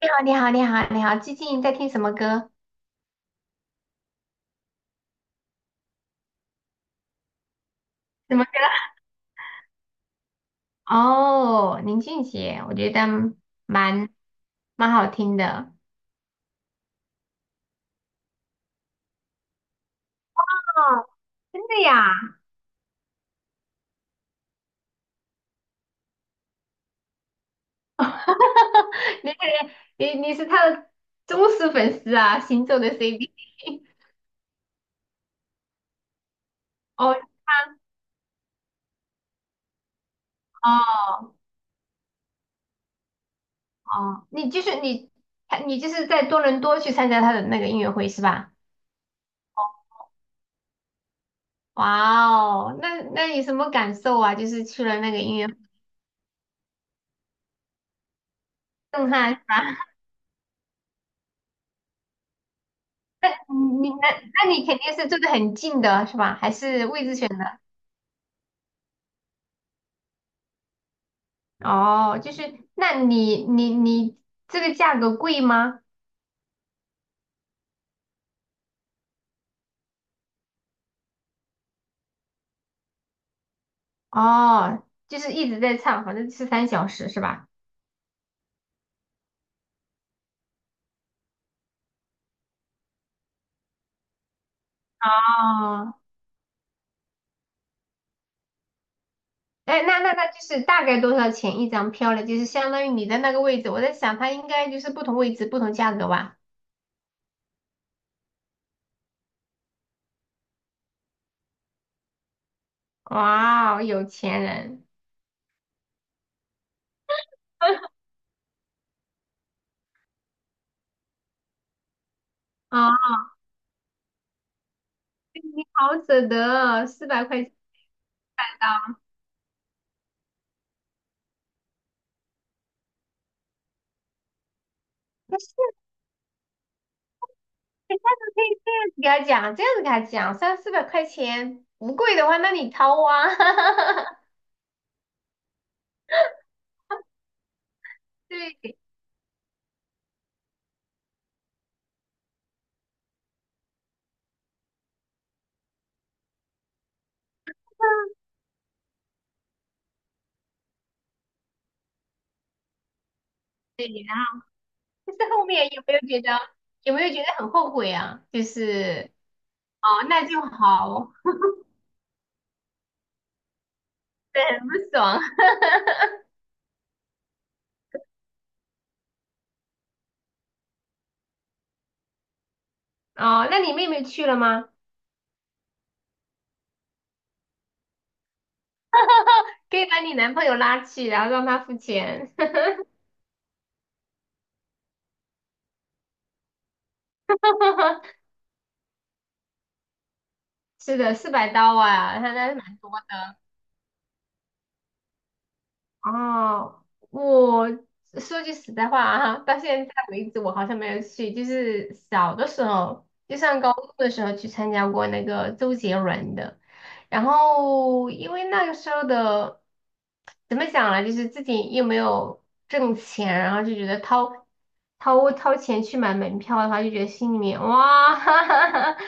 你好，你好，你好，你好，最近在听什么歌？什么歌？哦，林俊杰，我觉得蛮蛮好听的。真的呀？你是他的忠实粉丝啊，行走的 CD。哦哦哦，你就是在多伦多去参加他的那个音乐会是吧？哇哦，那你什么感受啊？就是去了那个音乐会，震撼是吧？那你那那你肯定是住的很近的是吧？还是位置选的？哦，就是那你你你这个价格贵吗？哦，就是一直在唱，反正是三小时是吧？哦，哎，那就是大概多少钱一张票呢？就是相当于你的那个位置，我在想它应该就是不同位置不同价格吧？哇哦，有钱人啊 你好舍得哦，四百块钱。哎，下次可以这样子给他讲，这样子给他讲，三四百块钱不贵的话，那你掏啊。对对，然后就是后面有没有觉得很后悔啊？就是哦，那就好，对，很不爽。哦，那你妹妹去了吗？可以把你男朋友拉去，然后让他付钱。是的，四百刀啊，他那是蛮多哦，我说句实在话啊，到现在为止我好像没有去，就是小的时候，就上高中的时候去参加过那个周杰伦的，然后因为那个时候的怎么讲呢，就是自己又没有挣钱，然后就觉得掏钱去买门票的话，就觉得心里面哇，哈哈哈。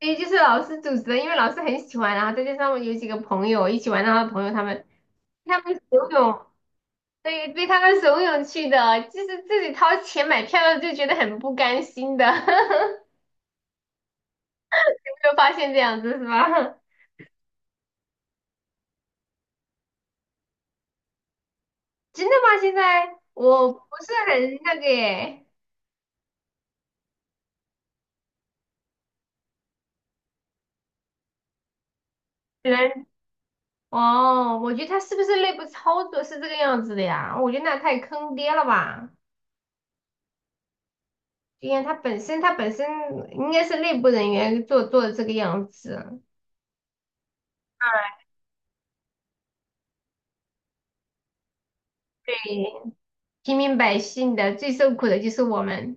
因为就是老师组织的，因为老师很喜欢，然后再加上有几个朋友一起玩，然后朋友他们游泳。对，对他们怂恿去的，就是自己掏钱买票的就觉得很不甘心的。有没有发现这样子是吧？真的吗？现在我不是很那个耶，原来哦，我觉得他是不是内部操作是这个样子的呀？我觉得那太坑爹了吧！因为他本身应该是内部人员做的这个样子，对，平民百姓的最受苦的就是我们。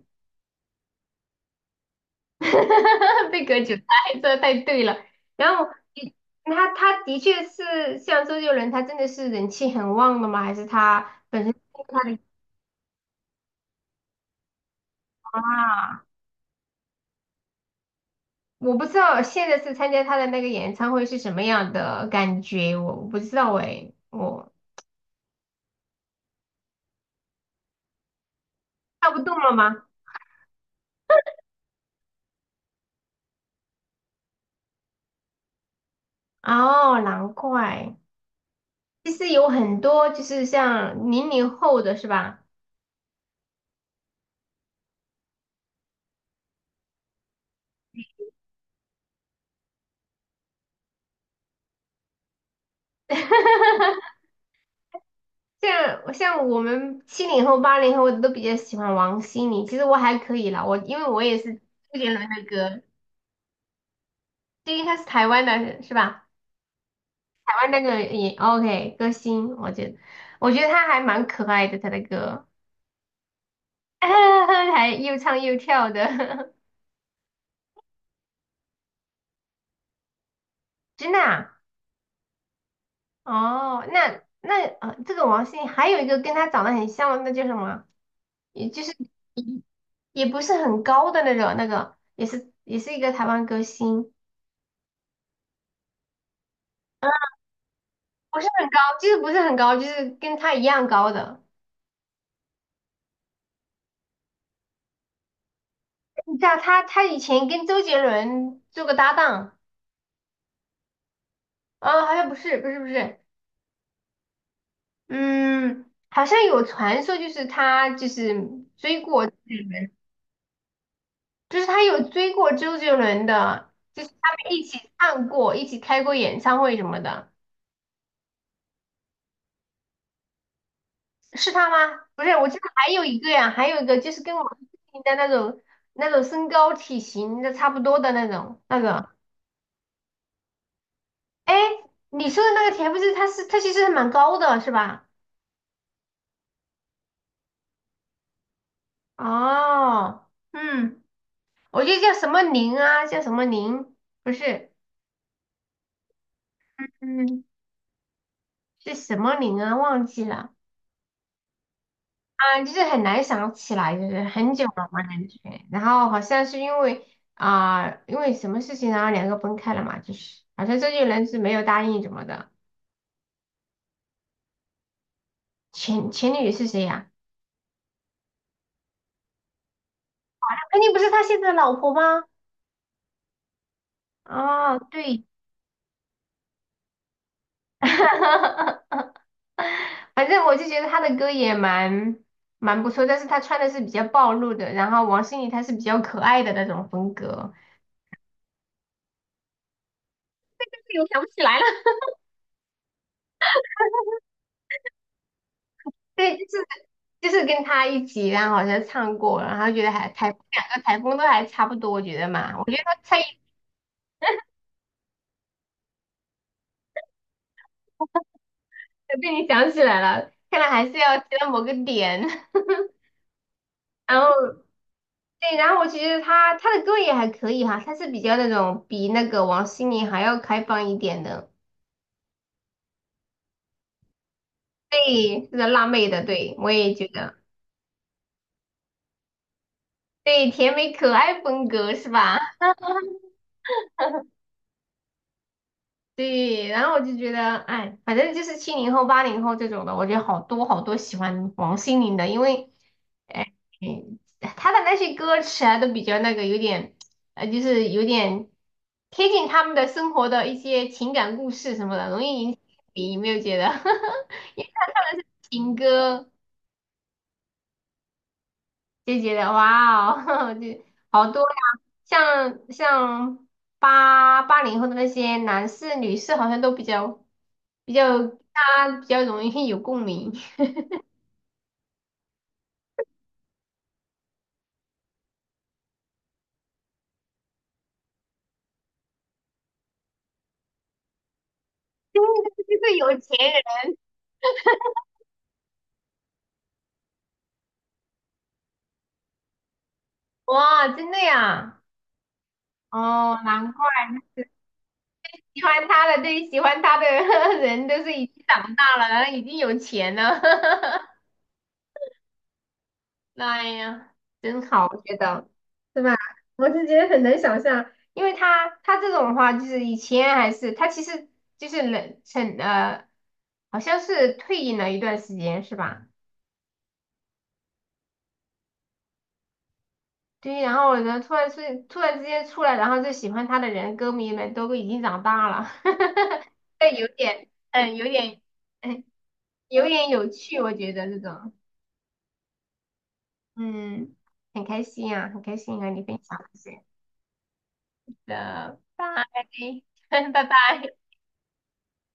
哈哈哈！被隔绝了，这太对了。然后你他的确是像周杰伦，他真的是人气很旺的吗？还是他本身他的啊？我不知道现在是参加他的那个演唱会是什么样的感觉，我不知道哎，我跳不动了吗？哦，难怪。其实有很多就是像零零后的是吧？哈哈哈哈像我们七零后、八零后都比较喜欢王心凌，其实我还可以啦，我因为我也是周杰伦的歌，因为他是台湾的，是吧？台湾那个也 OK 歌星，我觉得他还蛮可爱的，他的歌 还又唱又跳的，真的啊？哦，那呃，这个王心凌还有一个跟他长得很像的，那叫什么？也就是也不是很高的那种，那个也是一个台湾歌星。不是很高，就是不是很高，就是跟他一样高的。你知道他以前跟周杰伦做过搭档，啊，好像不是，嗯，好像有传说就是他就是追过，就是他有追过周杰伦的，就是他们一起唱过，一起开过演唱会什么的，是他吗？不是，我记得还有一个呀，还有一个就是跟我们的那种身高体型的差不多的那种那个。哎，你说的那个田不是，它是它其实是蛮高的，是吧？哦，嗯，我记得叫什么林啊，叫什么林，不是，嗯，是什么林啊，忘记了啊，就是很难想起来，就是很久了嘛感觉。然后好像是因为啊、因为什么事情，然后两个分开了嘛，就是好像周杰伦是没有答应什么的。前女友是谁呀、肯定不是他现在的老婆吗？哦，对。反正我就觉得他的歌也蛮不错，但是他穿的是比较暴露的，然后王心凌她是比较可爱的那种风格。这个我想不起来了。对，就是跟他一起，然后好像唱过，然后觉得还台两个台风都还差不多，我觉得嘛，我觉得他差异被你想起来了，看来还是要提到某个点。然后对，然后我就觉得他的歌也还可以哈，他是比较那种比那个王心凌还要开放一点的，对，是个辣妹的，对我也觉得。对，甜美可爱风格是吧？对，然后我就觉得，哎，反正就是七零后、八零后这种的，我觉得好多好多喜欢王心凌的，因为，哎，嗯她的那些歌词啊，都比较那个，有点，呃，就是有点贴近他们的生活的一些情感故事什么的，容易引起共鸣，有没有觉得？因为她唱的是情歌，就觉得哇哦，这好多呀！像八零后的那些男士、女士，好像都比较大家比较容易有共鸣。对，就是有钱人，哇，真的呀！哦，难怪喜欢他的，对，喜欢他的 人都是已经长大了，然后已经有钱了。哎呀，真好，我觉得，是吧？我是觉得很难想象，因为他这种的话，就是以前还是他其实就是冷成，好像是退隐了一段时间，是吧？对，然后呢，突然之间出来，然后就喜欢他的人，歌迷们都已经长大了，哈哈哈。这有点，嗯，有点，嗯，有点有趣，我觉得这种，嗯，很开心啊，很开心和你分享这些。的，拜 拜拜。